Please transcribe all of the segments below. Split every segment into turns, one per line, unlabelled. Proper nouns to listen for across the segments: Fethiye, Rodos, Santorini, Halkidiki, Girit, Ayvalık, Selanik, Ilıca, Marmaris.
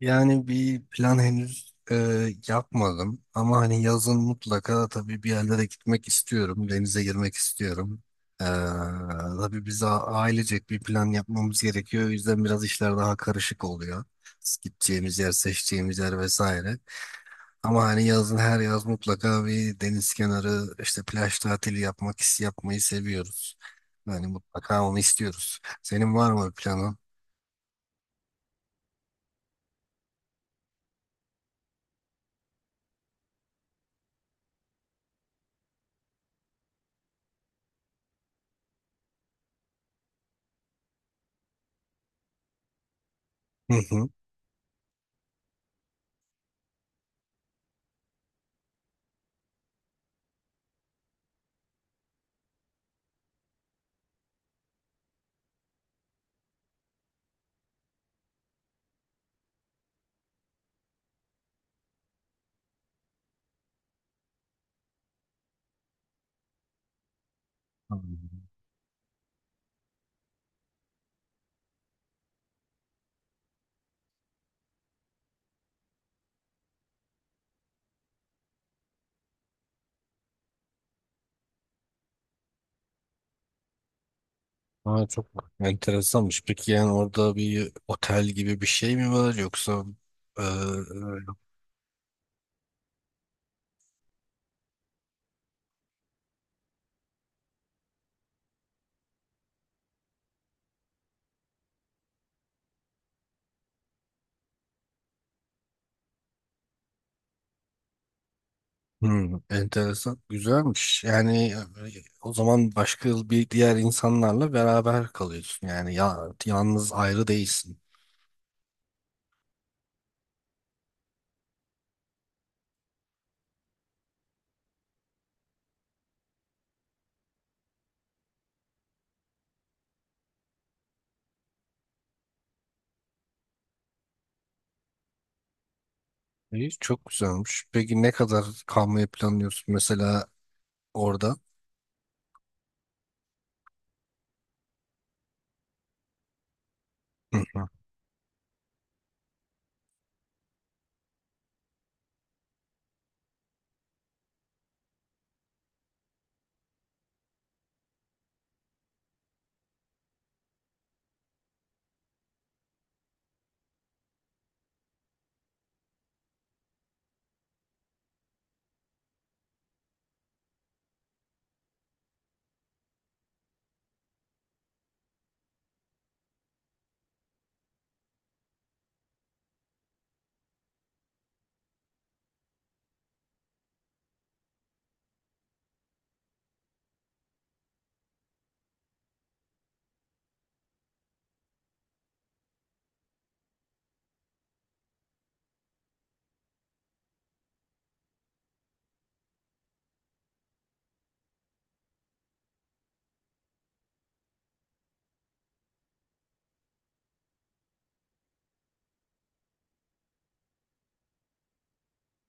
Yani bir plan henüz yapmadım ama hani yazın mutlaka tabii bir yerlere gitmek istiyorum, denize girmek istiyorum. E, tabii ailecek bir plan yapmamız gerekiyor. O yüzden biraz işler daha karışık oluyor. Gideceğimiz yer, seçeceğimiz yer vesaire. Ama hani yazın her yaz mutlaka bir deniz kenarı işte plaj tatili yapmayı seviyoruz. Yani mutlaka onu istiyoruz. Senin var mı planın? Hı hı. Ha, çok enteresanmış. Peki yani orada bir otel gibi bir şey mi var yoksa e, e, hmm, enteresan güzelmiş. Yani o zaman başka bir diğer insanlarla beraber kalıyorsun. Yani yalnız ayrı değilsin. İyi, çok güzelmiş. Peki ne kadar kalmayı planlıyorsun mesela orada? Hı hı.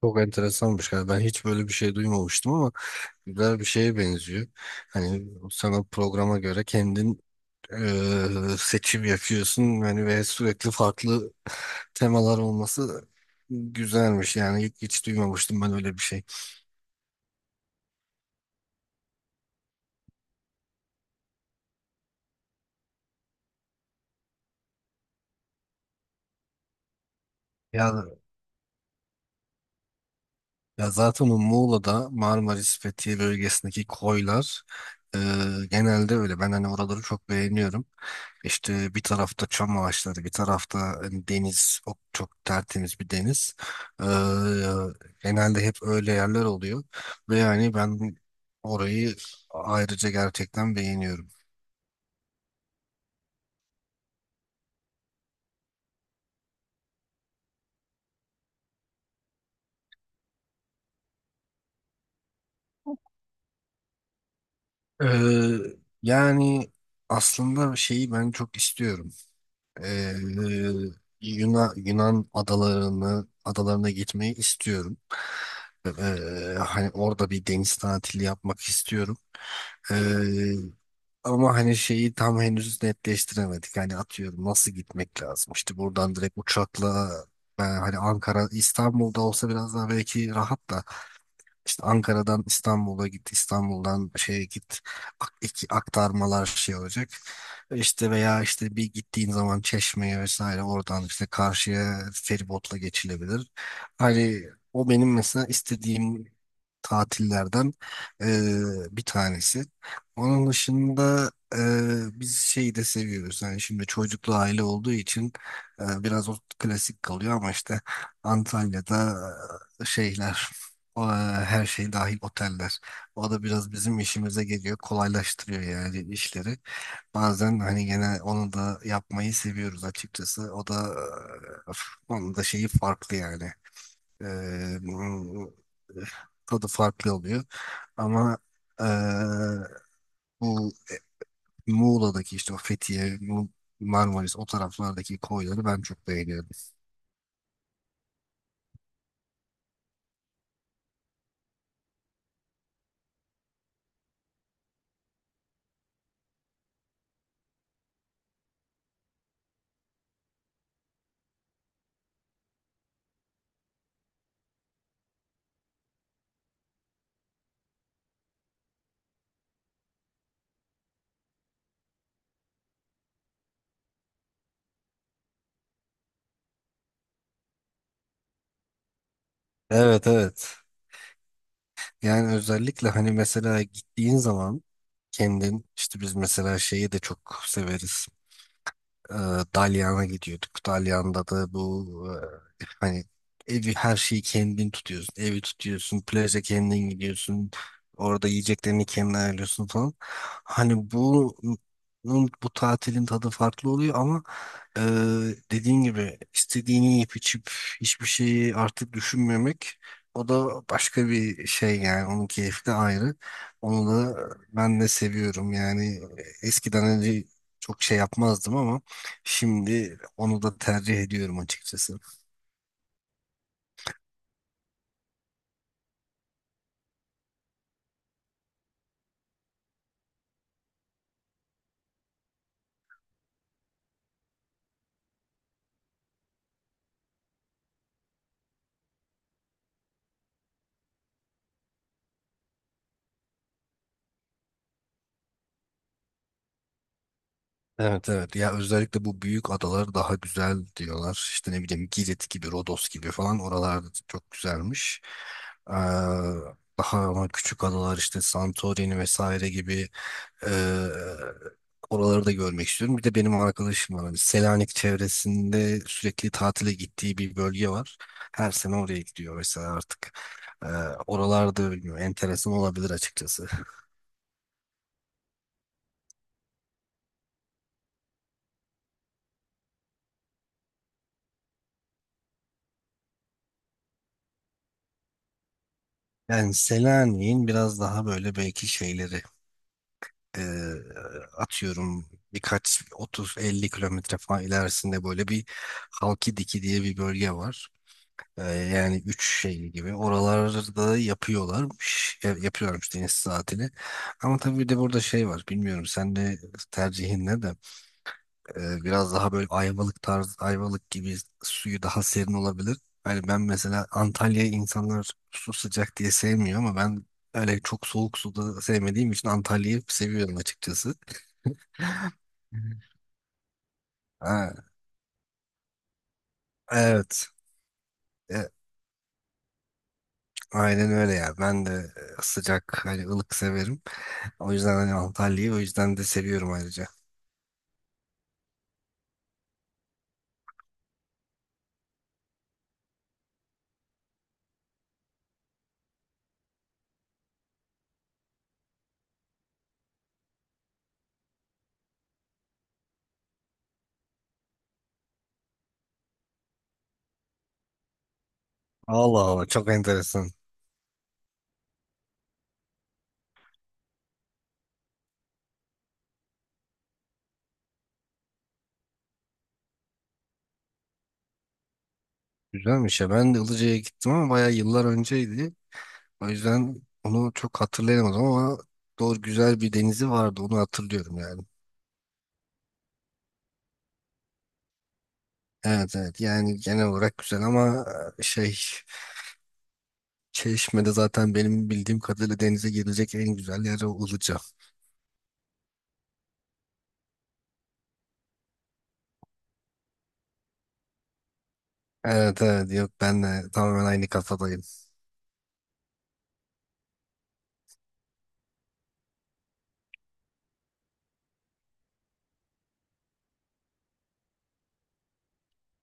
Çok enteresanmış. Yani ben hiç böyle bir şey duymamıştım ama güzel bir şeye benziyor. Hani sana programa göre kendin seçim yapıyorsun yani ve sürekli farklı temalar olması güzelmiş yani hiç duymamıştım ben öyle bir şey. Ya, ya zaten o Muğla'da Marmaris Fethiye bölgesindeki koylar e, genelde öyle. Ben hani oraları çok beğeniyorum. İşte bir tarafta çam ağaçları, bir tarafta hani deniz, çok tertemiz bir deniz. E, Genelde hep öyle yerler oluyor ve yani ben orayı ayrıca gerçekten beğeniyorum. Ee, Yani aslında şeyi ben çok istiyorum. Ee, Yunan adalarına gitmeyi istiyorum. Ee, Hani orada bir deniz tatili yapmak istiyorum. Ee, Ama hani şeyi tam henüz netleştiremedik. Hani atıyorum nasıl gitmek lazım? İşte buradan direkt uçakla ben hani Ankara, İstanbul'da olsa biraz daha belki rahat da işte Ankara'dan İstanbul'a git, İstanbul'dan şeye git, iki aktarmalar şey olacak. İşte veya işte bir gittiğin zaman Çeşme'ye vesaire oradan işte karşıya feribotla geçilebilir. Hani o benim mesela istediğim tatillerden e, bir tanesi. Onun dışında biz şeyi de seviyoruz. Yani şimdi çocuklu aile olduğu için biraz o klasik kalıyor ama işte Antalya'da şeyler o, e, her şey dahil oteller. O da biraz bizim işimize geliyor, kolaylaştırıyor yani işleri. Bazen hani gene onu da yapmayı seviyoruz açıkçası. O da e, onun da şeyi farklı yani. Ee, bu- Tadı farklı oluyor. Ama ee, bu Muğla'daki işte o Fethiye, Marmaris o taraflardaki koyları ben çok beğeniyorum. Evet evet. Yani özellikle hani mesela gittiğin zaman kendin işte biz mesela şeyi de çok severiz. e, Dalyan'a gidiyorduk. Dalyan'da da bu hani evi her şeyi kendin tutuyorsun. Evi tutuyorsun, plaja kendin gidiyorsun. Orada yiyeceklerini kendin ayarlıyorsun falan. Hani bu tatilin tadı farklı oluyor ama ee, dediğin gibi istediğini yiyip içip hiçbir şeyi artık düşünmemek o da başka bir şey yani onun keyfi de ayrı. Onu da ben de seviyorum yani eskiden önce çok şey yapmazdım ama şimdi onu da tercih ediyorum açıkçası. Evet evet ya özellikle bu büyük adalar daha güzel diyorlar işte ne bileyim Girit gibi Rodos gibi falan oralarda çok güzelmiş. Ee, Daha ama küçük adalar işte Santorini vesaire gibi Ee, oraları da görmek istiyorum. Bir de benim arkadaşım var. Hani Selanik çevresinde sürekli tatile gittiği bir bölge var. Her sene oraya gidiyor mesela artık. Ee, Oralarda bilmiyorum. Enteresan olabilir açıkçası. Yani Selanik'in biraz daha böyle belki şeyleri e, atıyorum birkaç 30-50 kilometre falan ilerisinde böyle bir Halkidiki diye bir bölge var. Ee, Yani üç şey gibi oralarda yapıyorlarmış. Yapıyorlarmış deniz tatili. Ama tabii bir de burada şey var. Bilmiyorum sen de tercihin ne de. Biraz daha böyle Ayvalık gibi suyu daha serin olabilir. Hani ben mesela Antalya'yı insanlar su sıcak diye sevmiyor ama ben öyle çok soğuk suda sevmediğim için Antalya'yı seviyorum açıkçası. Ha, evet. Aynen öyle ya. Ben de hani ılık severim. O yüzden hani Antalya'yı o yüzden de seviyorum ayrıca. Allah Allah çok enteresan. Güzelmiş ya. Ben de Ilıca'ya gittim ama bayağı yıllar önceydi. O yüzden onu çok hatırlayamadım ama doğru güzel bir denizi vardı. Onu hatırlıyorum yani. Evet evet yani genel olarak güzel ama e, şey Çeşme'de zaten benim bildiğim kadarıyla denize girilecek en güzel yer o Ilıca. Evet evet yok ben de tamamen aynı kafadayım.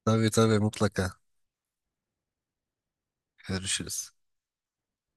Tabii tabii mutlaka görüşürüz.